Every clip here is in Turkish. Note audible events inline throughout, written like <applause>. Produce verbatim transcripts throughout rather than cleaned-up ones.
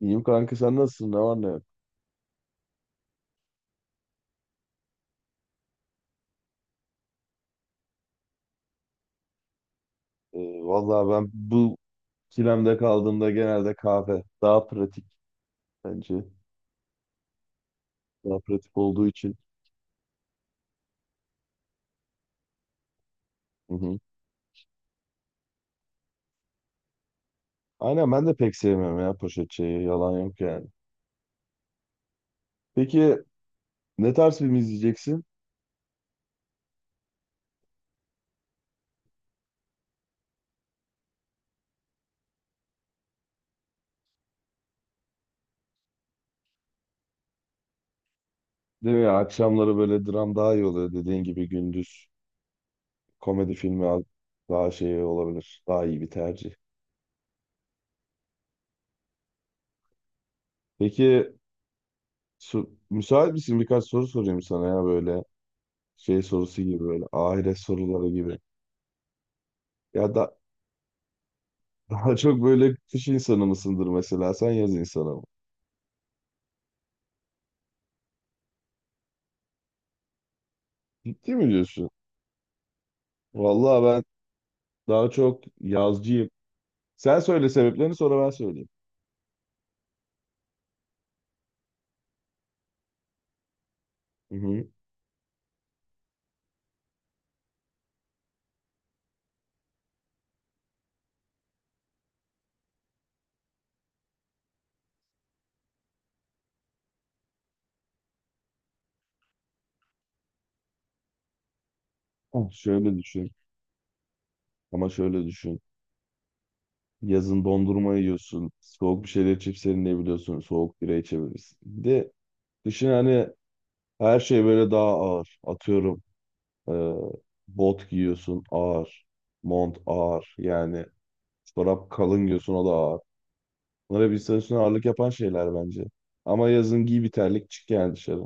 İyiyim kanka sen nasılsın? Ne var ne yok? Ee, Vallahi ben bu ikilemde kaldığımda genelde kahve daha pratik bence. Daha pratik olduğu için. Hı hı. Aynen ben de pek sevmiyorum ya poşet çayı. Yalan yok yani. Peki ne tarz film izleyeceksin? Değil mi ya? Akşamları böyle dram daha iyi oluyor dediğin gibi gündüz. Komedi filmi al- Daha şey olabilir. Daha iyi bir tercih. Peki su- müsait misin? Birkaç soru sorayım sana ya böyle şey sorusu gibi böyle ahiret soruları gibi. Ya da daha çok böyle kış insanı mısındır mesela? Sen yaz insanı mı? Ciddi mi diyorsun? Vallahi ben daha çok yazcıyım. Sen söyle sebeplerini sonra ben söyleyeyim. Hı hı. Oh, şöyle düşün. Ama şöyle düşün. Yazın dondurma yiyorsun. Soğuk bir şeyler içip serinleyebiliyorsun. Soğuk bira içebilirsin. Bir de kışın hani her şey böyle daha ağır. Atıyorum e, bot giyiyorsun ağır. Mont ağır. Yani çorap kalın giyiyorsun o da ağır. Bunlar bir üstüne ağırlık yapan şeyler bence. Ama yazın giy bir terlik çık yani dışarı.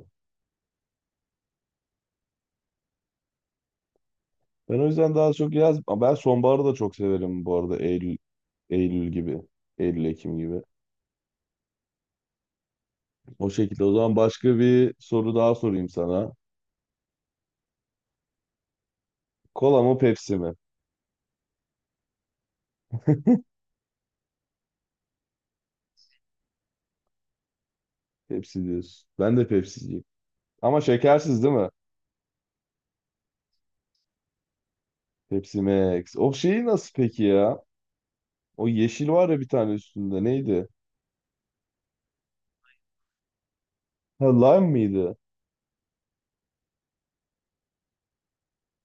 Ben o yüzden daha çok yaz. Ben sonbaharı da çok severim bu arada Eylül, Eylül gibi. Eylül, Ekim gibi. O şekilde. O zaman başka bir soru daha sorayım sana. Kola mı Pepsi mi? Pepsi diyorsun. Ben de Pepsi'ciyim. Ama şekersiz değil mi? Pepsi Max. O şeyi nasıl peki ya? O yeşil var ya bir tane üstünde. Neydi? Ha, lime mıydı?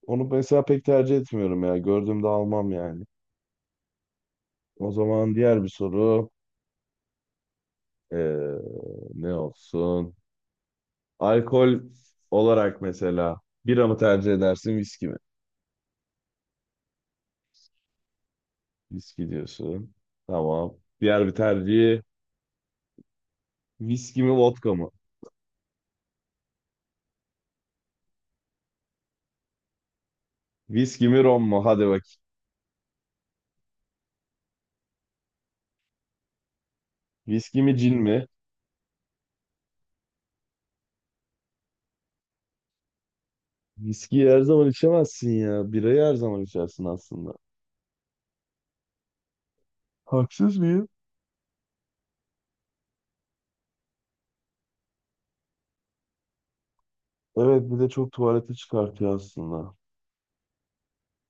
Onu mesela pek tercih etmiyorum ya. Gördüğümde almam yani. O zaman diğer bir soru. Ee, Ne olsun? Alkol olarak mesela bira mı tercih edersin, viski mi? Viski diyorsun. Tamam. Diğer bir tercihi viski mi, vodka mı? Viski mi, rom mu? Hadi bak. Viski mi, cin mi? Viskiyi her zaman içemezsin ya. Birayı her zaman içersin aslında. Haksız mıyım? Evet, bir de çok tuvalete çıkartıyor aslında.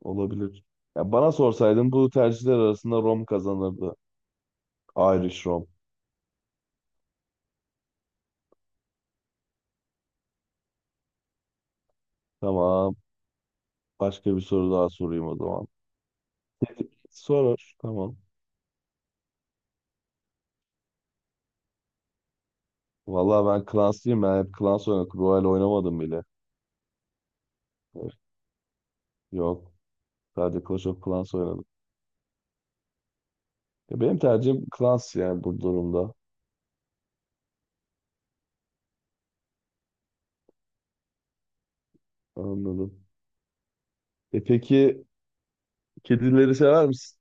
Olabilir. Ya bana sorsaydın bu tercihler arasında rom kazanırdı. Irish rom. Tamam. Başka bir soru daha sorayım o zaman. Soror. Tamam. Vallahi ben Clans'lıyım. Ben hep Clans oynadım. Royal oynamadım bile. Yok. Sadece Clash of Clans oynadım. Ya benim tercihim Clans yani bu durumda. Anladım. E peki kedileri sever misin?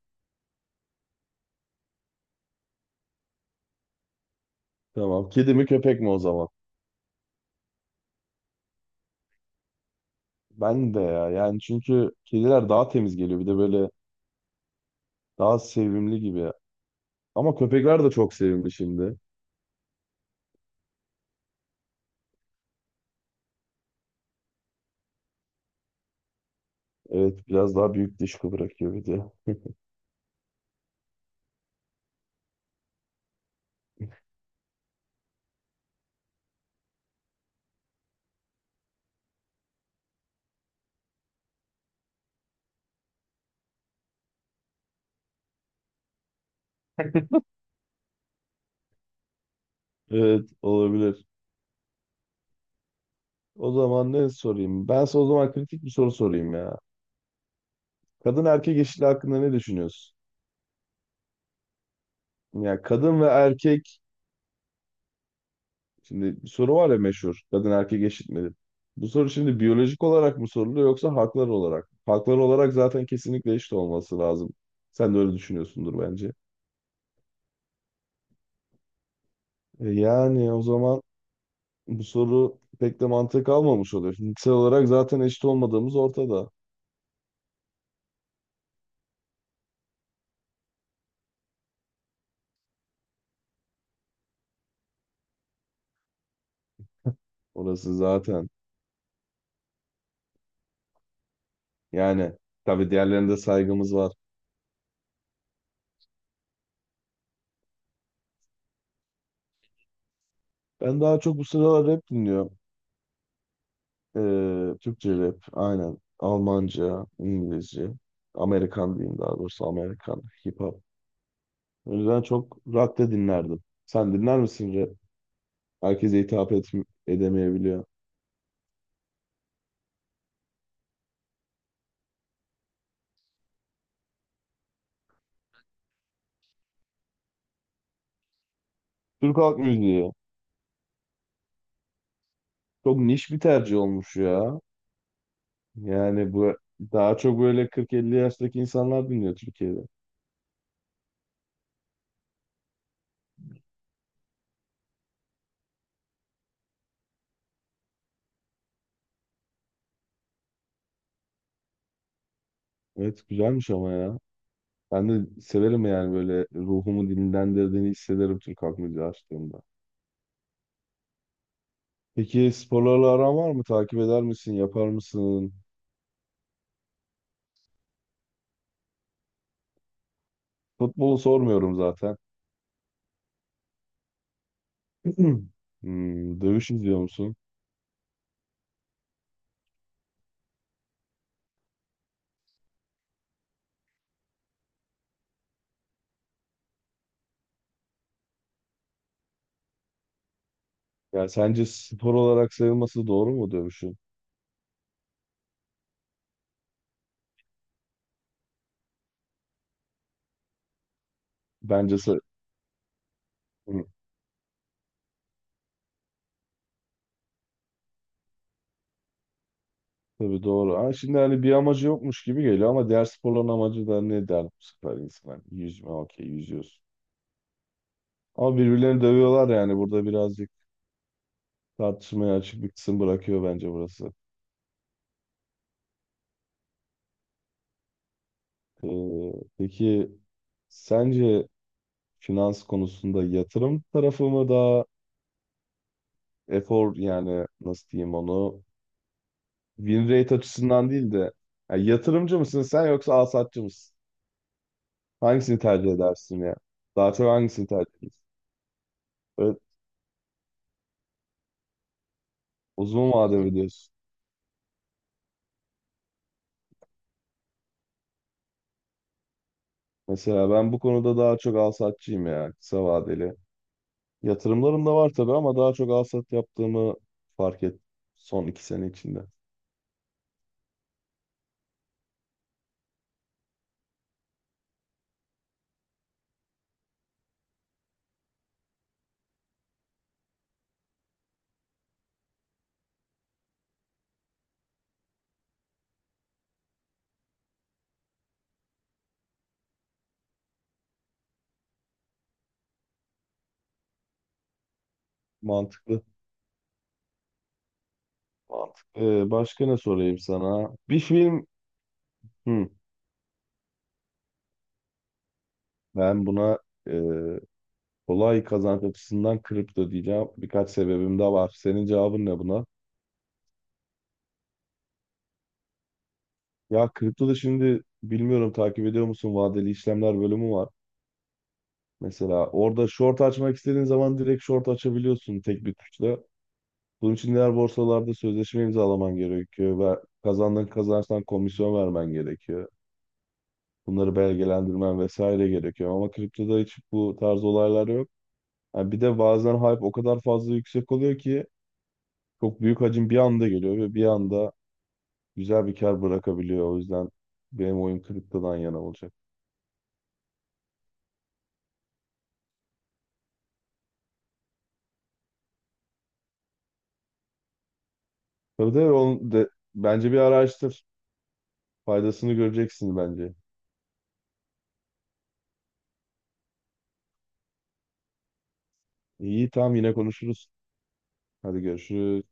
Tamam. Kedi mi köpek mi o zaman? Ben de ya. Yani çünkü kediler daha temiz geliyor. Bir de böyle daha sevimli gibi. Ama köpekler de çok sevimli şimdi. Evet biraz daha büyük dışkı bırakıyor bir de. Evet olabilir. O zaman ne sorayım? Ben size o zaman kritik bir soru sorayım ya. Kadın erkek eşitliği hakkında ne düşünüyorsun? Yani kadın ve erkek şimdi bir soru var ya meşhur. Kadın erkek eşit midir? Bu soru şimdi biyolojik olarak mı soruluyor yoksa haklar olarak? Haklar olarak zaten kesinlikle eşit olması lazım. Sen de öyle düşünüyorsundur bence. E yani o zaman bu soru pek de mantık almamış oluyor. Fiziksel olarak zaten eşit olmadığımız ortada. Orası zaten. Yani tabii diğerlerine de saygımız var. Ben daha çok bu sıralar rap dinliyorum. Ee, Türkçe rap, aynen. Almanca, İngilizce, Amerikan diyeyim daha doğrusu Amerikan hip hop. O yüzden çok rock da dinlerdim. Sen dinler misin rap? Herkese hitap et Edemeyebiliyor. Türk halk müziği çok niş bir tercih olmuş ya. Yani bu daha çok böyle kırk elli yaştaki insanlar dinliyor Türkiye'de. Evet güzelmiş ama ya. Ben de severim yani böyle ruhumu dinlendirdiğini hissederim Türk halk müziği açtığımda. Peki sporlarla aran var mı? Takip eder misin? Yapar mısın? Futbolu sormuyorum zaten. <clears throat> Hmm, dövüş izliyor musun? Ya sence spor olarak sayılması doğru mu dövüşün? Bence sa- Hı, tabii doğru. Ama şimdi hani bir amacı yokmuş gibi geliyor ama diğer sporların amacı da ne der bu sefer insan? Yüzme, okey, yüzüyorsun. Ama birbirlerini dövüyorlar yani burada birazcık tartışmaya açık bir kısım bırakıyor bence burası. Ee, peki sence finans konusunda yatırım tarafı mı daha efor yani nasıl diyeyim onu Win rate açısından değil de ya yatırımcı mısın sen yoksa alsatçı mısın? Hangisini tercih edersin ya? Daha çok hangisini tercih edersin? Evet, uzun vadeli diyorsun. Mesela ben bu konuda daha çok alsatçıyım ya kısa vadeli. Yatırımlarım da var tabii ama daha çok alsat yaptığımı fark ettim son iki sene içinde. Mantıklı. Mantıklı. Ee, başka ne sorayım sana? Bir film Hı, Ben buna e, kolay kazanç açısından kripto diyeceğim. Birkaç sebebim de var. Senin cevabın ne buna? Ya kriptoda şimdi bilmiyorum takip ediyor musun vadeli işlemler bölümü var. Mesela orada short açmak istediğin zaman direkt short açabiliyorsun tek bir tuşla. Bunun için diğer borsalarda sözleşme imzalaman gerekiyor ve kazandığın kazançtan komisyon vermen gerekiyor. Bunları belgelendirmen vesaire gerekiyor ama kriptoda hiç bu tarz olaylar yok. Ha, bir de bazen hype o kadar fazla yüksek oluyor ki çok büyük hacim bir anda geliyor ve bir anda güzel bir kar bırakabiliyor. O yüzden benim oyun kriptodan yana olacak. Tabii tabii onu de, bence bir araştır. Faydasını göreceksin bence. İyi tamam yine konuşuruz. Hadi görüşürüz.